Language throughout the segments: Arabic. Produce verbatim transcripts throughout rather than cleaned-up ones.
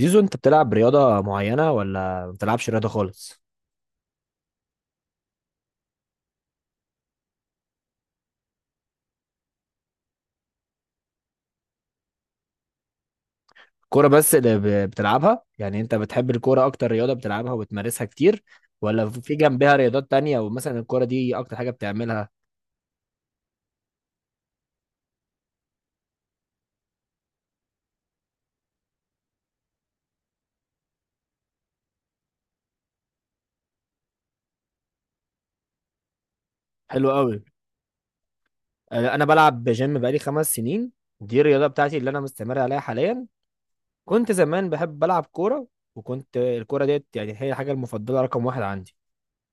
زيزو، انت بتلعب رياضة معينة ولا ما بتلعبش رياضة خالص؟ كورة بس اللي ب- بتلعبها؟ يعني انت بتحب الكورة اكتر رياضة بتلعبها وبتمارسها كتير، ولا في جنبها رياضات تانية ومثلا الكورة دي اكتر حاجة بتعملها؟ حلو قوي. اه، انا بلعب جيم بقالي خمس سنين. دي الرياضة بتاعتي اللي انا مستمر عليها حاليا. كنت زمان بحب بلعب كورة، وكنت الكورة ديت يعني هي الحاجة المفضلة رقم واحد عندي.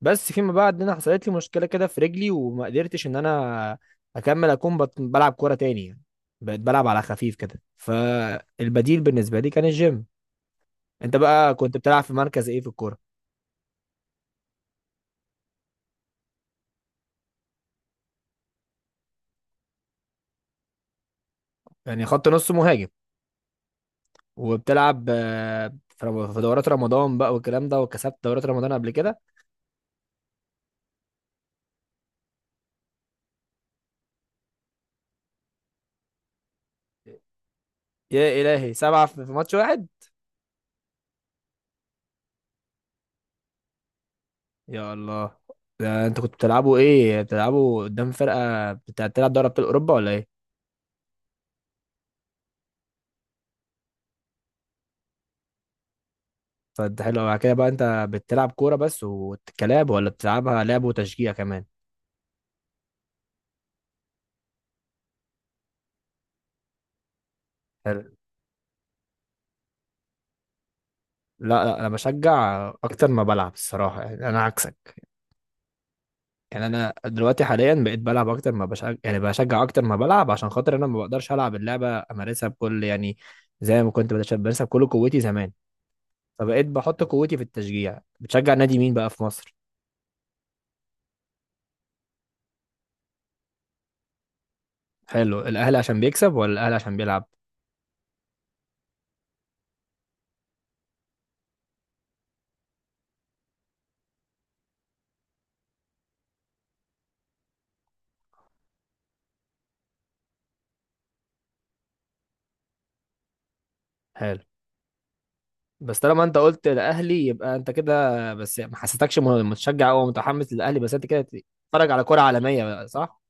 بس فيما بعد انا حصلت لي مشكله كده في رجلي وما قدرتش ان انا اكمل اكون بت- بلعب كوره تاني يعني. بقيت بلعب على خفيف كده، فالبديل بالنسبه لي كان الجيم. انت بقى كنت بتلعب في مركز ايه في الكوره؟ يعني خط نص مهاجم؟ وبتلعب آه، في رم- في دورات رمضان بقى والكلام ده، وكسبت دورات رمضان قبل كده؟ يا الهي، سبعه في في ماتش واحد؟ يا الله، ده انت كنت بتلعبوا ايه، بتلعبوا قدام فرقه بتاع- بتلعب دوري ابطال اوروبا ولا ايه؟ فانت حلو أوي. على كده بقى انت بتلعب كوره بس وكلاب، ولا بتلعبها لعب وتشجيع كمان؟ حلو. لا لا، انا بشجع اكتر ما بلعب الصراحه، يعني انا عكسك. يعني انا دلوقتي حاليا بقيت بلعب اكتر ما بشجع، يعني بشجع اكتر ما بلعب عشان خاطر انا ما بقدرش العب اللعبه امارسها بكل يعني زي ما كنت بتش- بمارسها بكل قوتي زمان. فبقيت بحط قوتي في التشجيع. بتشجع نادي مين بقى في مصر؟ حلو. الاهلي عشان بيكسب ولا الاهلي عشان بيلعب؟ حلو. بس طالما انت قلت الاهلي، يبقى انت كده بس، ما حسيتكش م- متشجع او متحمس للاهلي، بس انت كده بتتفرج على كرة عالمية بقى، صح؟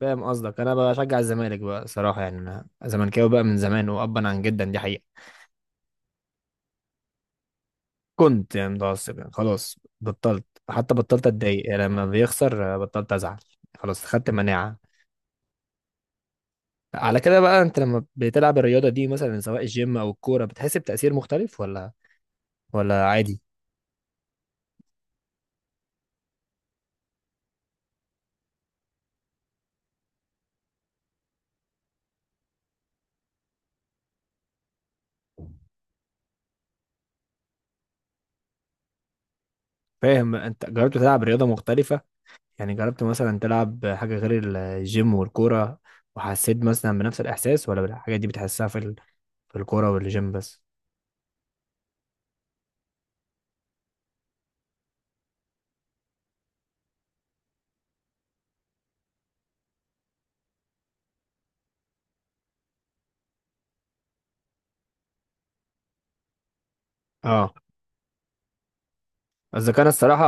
فاهم قصدك. انا بشجع الزمالك بقى صراحة، يعني انا زملكاوي بقى من زمان وابا عن جدا، دي حقيقة. كنت يعني متعصب، يعني خلاص بطلت، حتى بطلت اتضايق يعني لما بيخسر، آه، بطلت ازعل. خلاص، خدت مناعة. على كده بقى انت لما بتلعب الرياضة دي مثلا سواء الجيم او الكورة، بتحس بتأثير مختلف ولا ولا عادي؟ فاهم. انت جربت تلعب رياضة مختلفة؟ يعني جربت مثلا تلعب حاجة غير الجيم والكورة، وحسيت مثلا بنفس الإحساس، ولا الحاجات دي بتحسها في ال- في الكورة والجيم بس؟ اه، قصدي كان الصراحة.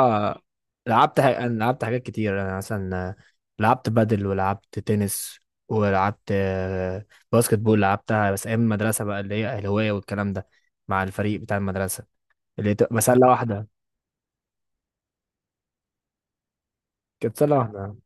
لعبت ح... أنا لعبت حاجات كتير. أنا مثلا لعبت بادل، ولعبت تنس، ولعبت آه، باسكت بول، لعبتها بس أيام المدرسة بقى، اللي هي الهواية والكلام ده مع الفريق بتاع المدرسة اللي بتبقى سلة واحدة. كانت سلة واحدة.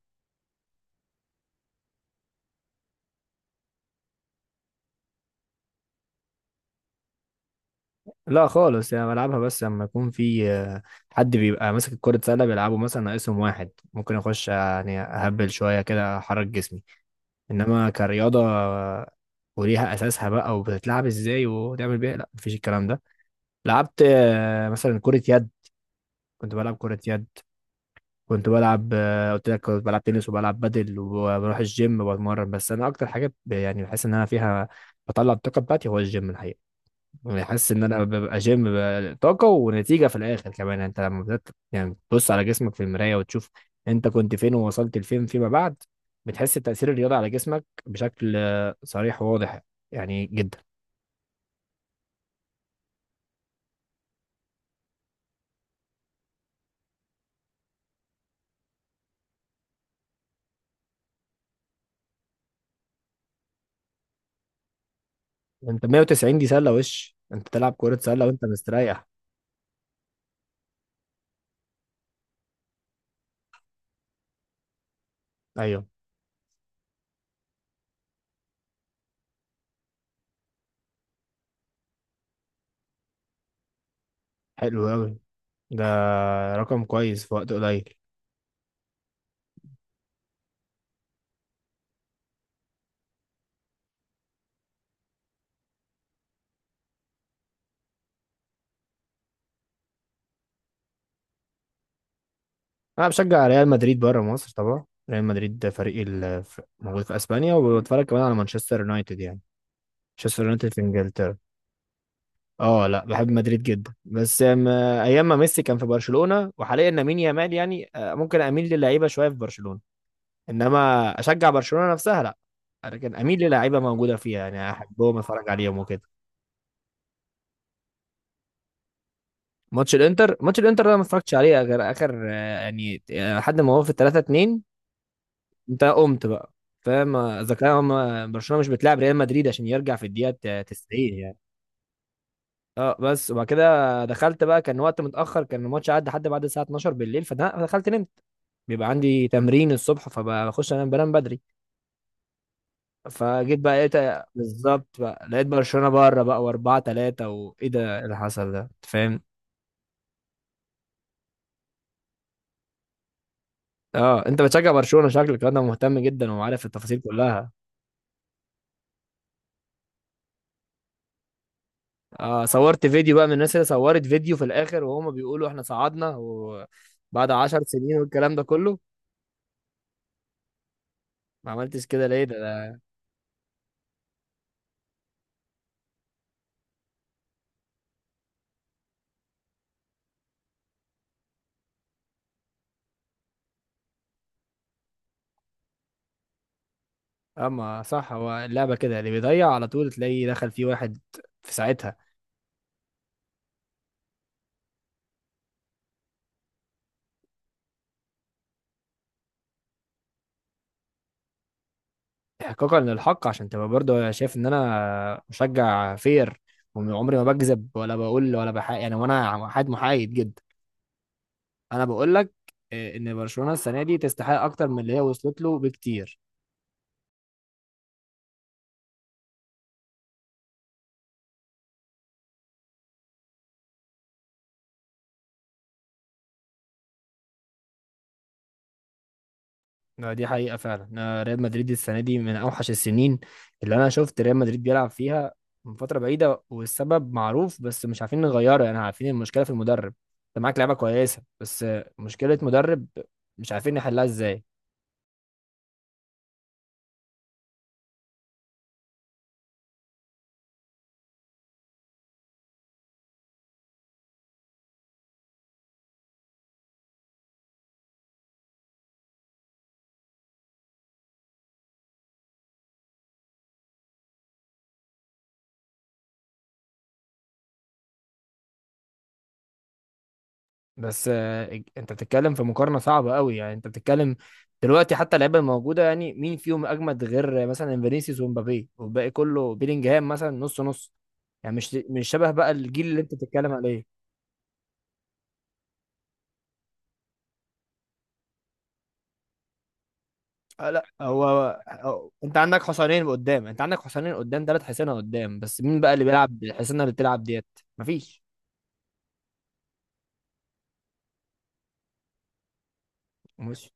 لا خالص، يعني بلعبها بس لما يكون في آه، حد بيبقى ماسك الكرة سلة بيلعبه مثلا ناقصهم واحد، ممكن اخش آه، يعني اهبل شوية كده، احرك جسمي. انما كرياضة آه، وليها اساسها بقى وبتتلعب ازاي وتعمل بيها، لا، مفيش الكلام ده. لعبت آه، مثلا كرة يد، كنت بلعب كرة يد. كنت بلعب آه، قلت لك كنت بلعب تنس وبلعب بدل وبروح الجيم وبتمرن، بس انا اكتر حاجة ب- يعني بحس ان انا فيها بطلع الطاقة بتاعتي هو الجيم الحقيقة. يعني حاسس ان انا ببقى جيم، ببقى طاقه ونتيجه في الاخر كمان، يعني انت لما بدات يعني تبص على جسمك في المرايه وتشوف انت كنت فين ووصلت لفين فيما بعد، بتحس بتاثير الرياضه على جسمك بشكل آه، صريح وواضح، يعني جدا. انت مية وتسعين دي سله، وش انت تلعب كره سله وانت مستريح؟ ايوه. حلو قوي. ده رقم كويس في وقت قليل. انا بشجع ريال مدريد بره مصر، طبعا ريال مدريد ده فريقي، ال- في- موجود في اسبانيا، وبتفرج كمان على مانشستر يونايتد يعني. مانشستر يونايتد في انجلترا. اه، لا، بحب مدريد جدا بس أم- ايام ما ميسي كان في برشلونة وحاليا لامين يامال يعني، آه، ممكن اميل للعيبة شوية في برشلونة، انما اشجع برشلونة نفسها لا. لكن اميل للعيبة موجودة فيها، يعني احبهم اتفرج عليهم وكده. ماتش الانتر ماتش الانتر ده أنا ما اتفرجتش عليه غير اخر آه، يعني آه، لحد ما هو في تلاته اتنين انت قمت بقى، فاهم؟ آه، اذا كان هم- برشلونة مش بتلعب ريال مدريد عشان يرجع في الدقيقة آه، تسعين يعني. اه بس، وبعد كده دخلت بقى، كان وقت متأخر، كان الماتش عدى لحد بعد الساعة اثنا عشر بالليل، فدخلت نمت. بيبقى عندي تمرين الصبح فبخش انام، بنام بدري. فجيت بقى لقيت بالظبط، بقى لقيت برشلونة بره بقى واربعة تلاتة، وايه ده، إيه اللي حصل ده، انت فاهم؟ اه انت بتشجع برشلونة شكلك، انا مهتم جدا وعارف التفاصيل كلها. اه صورت فيديو بقى من الناس اللي صورت فيديو في الاخر وهما بيقولوا احنا صعدنا وبعد عشر سنين والكلام ده كله. ما عملتش كده ليه ده ده- اما صح، هو اللعبة كده اللي بيضيع على طول تلاقيه دخل فيه واحد في ساعتها. احقاقا للحق، عشان تبقى برضه شايف ان انا مشجع فير، وعمري ما بكذب ولا بقول ولا بحق يعني، وانا حد محايد جدا. انا بقول لك آه، ان برشلونه السنه دي تستحق اكتر من اللي هي وصلت له بكتير. آه، دي حقيقه فعلا، آه، ريال مدريد السنه دي من اوحش السنين اللي انا شفت ريال مدريد بيلعب فيها من فتره بعيده، والسبب معروف بس مش عارفين نغيره، يعني عارفين المشكله في المدرب. انت معاك لعيبه كويسه، بس آه، مشكله مدرب مش عارفين نحلها ازاي. بس آه، انت بتتكلم في مقارنه صعبه قوي، يعني انت بتتكلم دلوقتي حتى اللعيبه الموجوده، يعني مين فيهم اجمد غير مثلا فينيسيوس ومبابي، والباقي كله بيلينجهام مثلا نص نص، يعني مش مش شبه بقى الجيل اللي انت بتتكلم عليه. آه، لا هو هو- انت عندك حصانين قدام، انت عندك حصانين قدام ثلاث حصانه قدام، بس مين بقى اللي بيلعب الحصانه اللي بتلعب ديت؟ مفيش. مش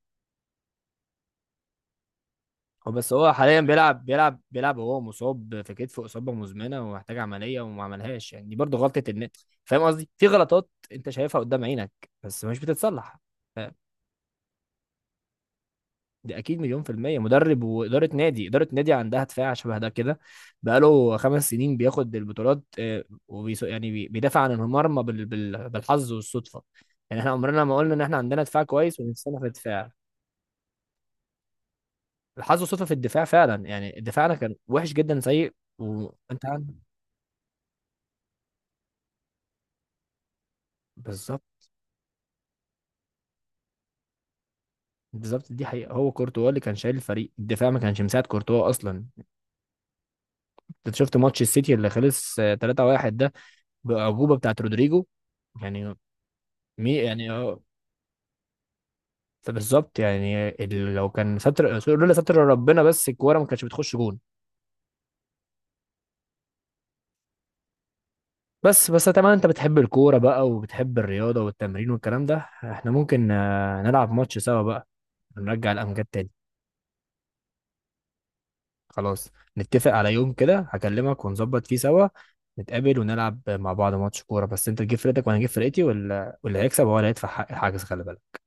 هو بس، هو حاليا بيلعب بيلعب بيلعب وهو مصاب في كتفه اصابه مزمنه ومحتاج عمليه وما عملهاش، يعني دي برضه غلطه النت. فاهم قصدي؟ في غلطات انت شايفها قدام عينك، بس مش بتتصلح. ف- دي اكيد مليون في الميه مدرب، واداره نادي اداره نادي عندها دفاع شبه ده كده، بقاله خمس سنين بياخد البطولات، آه، وبيس يعني بي- بيدافع عن المرمى بال- بال- بالحظ والصدفه. يعني احنا عمرنا ما قلنا ان احنا عندنا دفاع كويس ونفسنا في الدفاع. الحظ والصدفه في الدفاع فعلا، يعني دفاعنا كان وحش جدا، سيء وانت. بالظبط. بالظبط دي حقيقة، هو كورتوا اللي كان شايل الفريق، الدفاع ما كانش مساعد كورتوا أصلا. أنت شفت ماتش السيتي اللي خلص تلاته واحد ده بأعجوبة بتاعت رودريجو، يعني مي يعني اه بالظبط. يعني ال- لو كان ستر، لولا ستر ربنا، بس الكورة ما كانتش بتخش جون. بس بس طبعا انت بتحب الكورة بقى وبتحب الرياضة والتمرين والكلام ده، احنا ممكن آه، نلعب ماتش سوا بقى، نرجع الأمجاد تاني. خلاص، نتفق على يوم كده هكلمك ونظبط فيه سوا، نتقابل ونلعب مع بعض ماتش كورة، بس انت تجيب فرقتك وانا اجيب فرقتي، ولا واللي هيكسب هو اللي هيدفع حق الحجز، خلي بالك.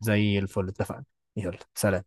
زي الفل، اتفقنا. يلا سلام.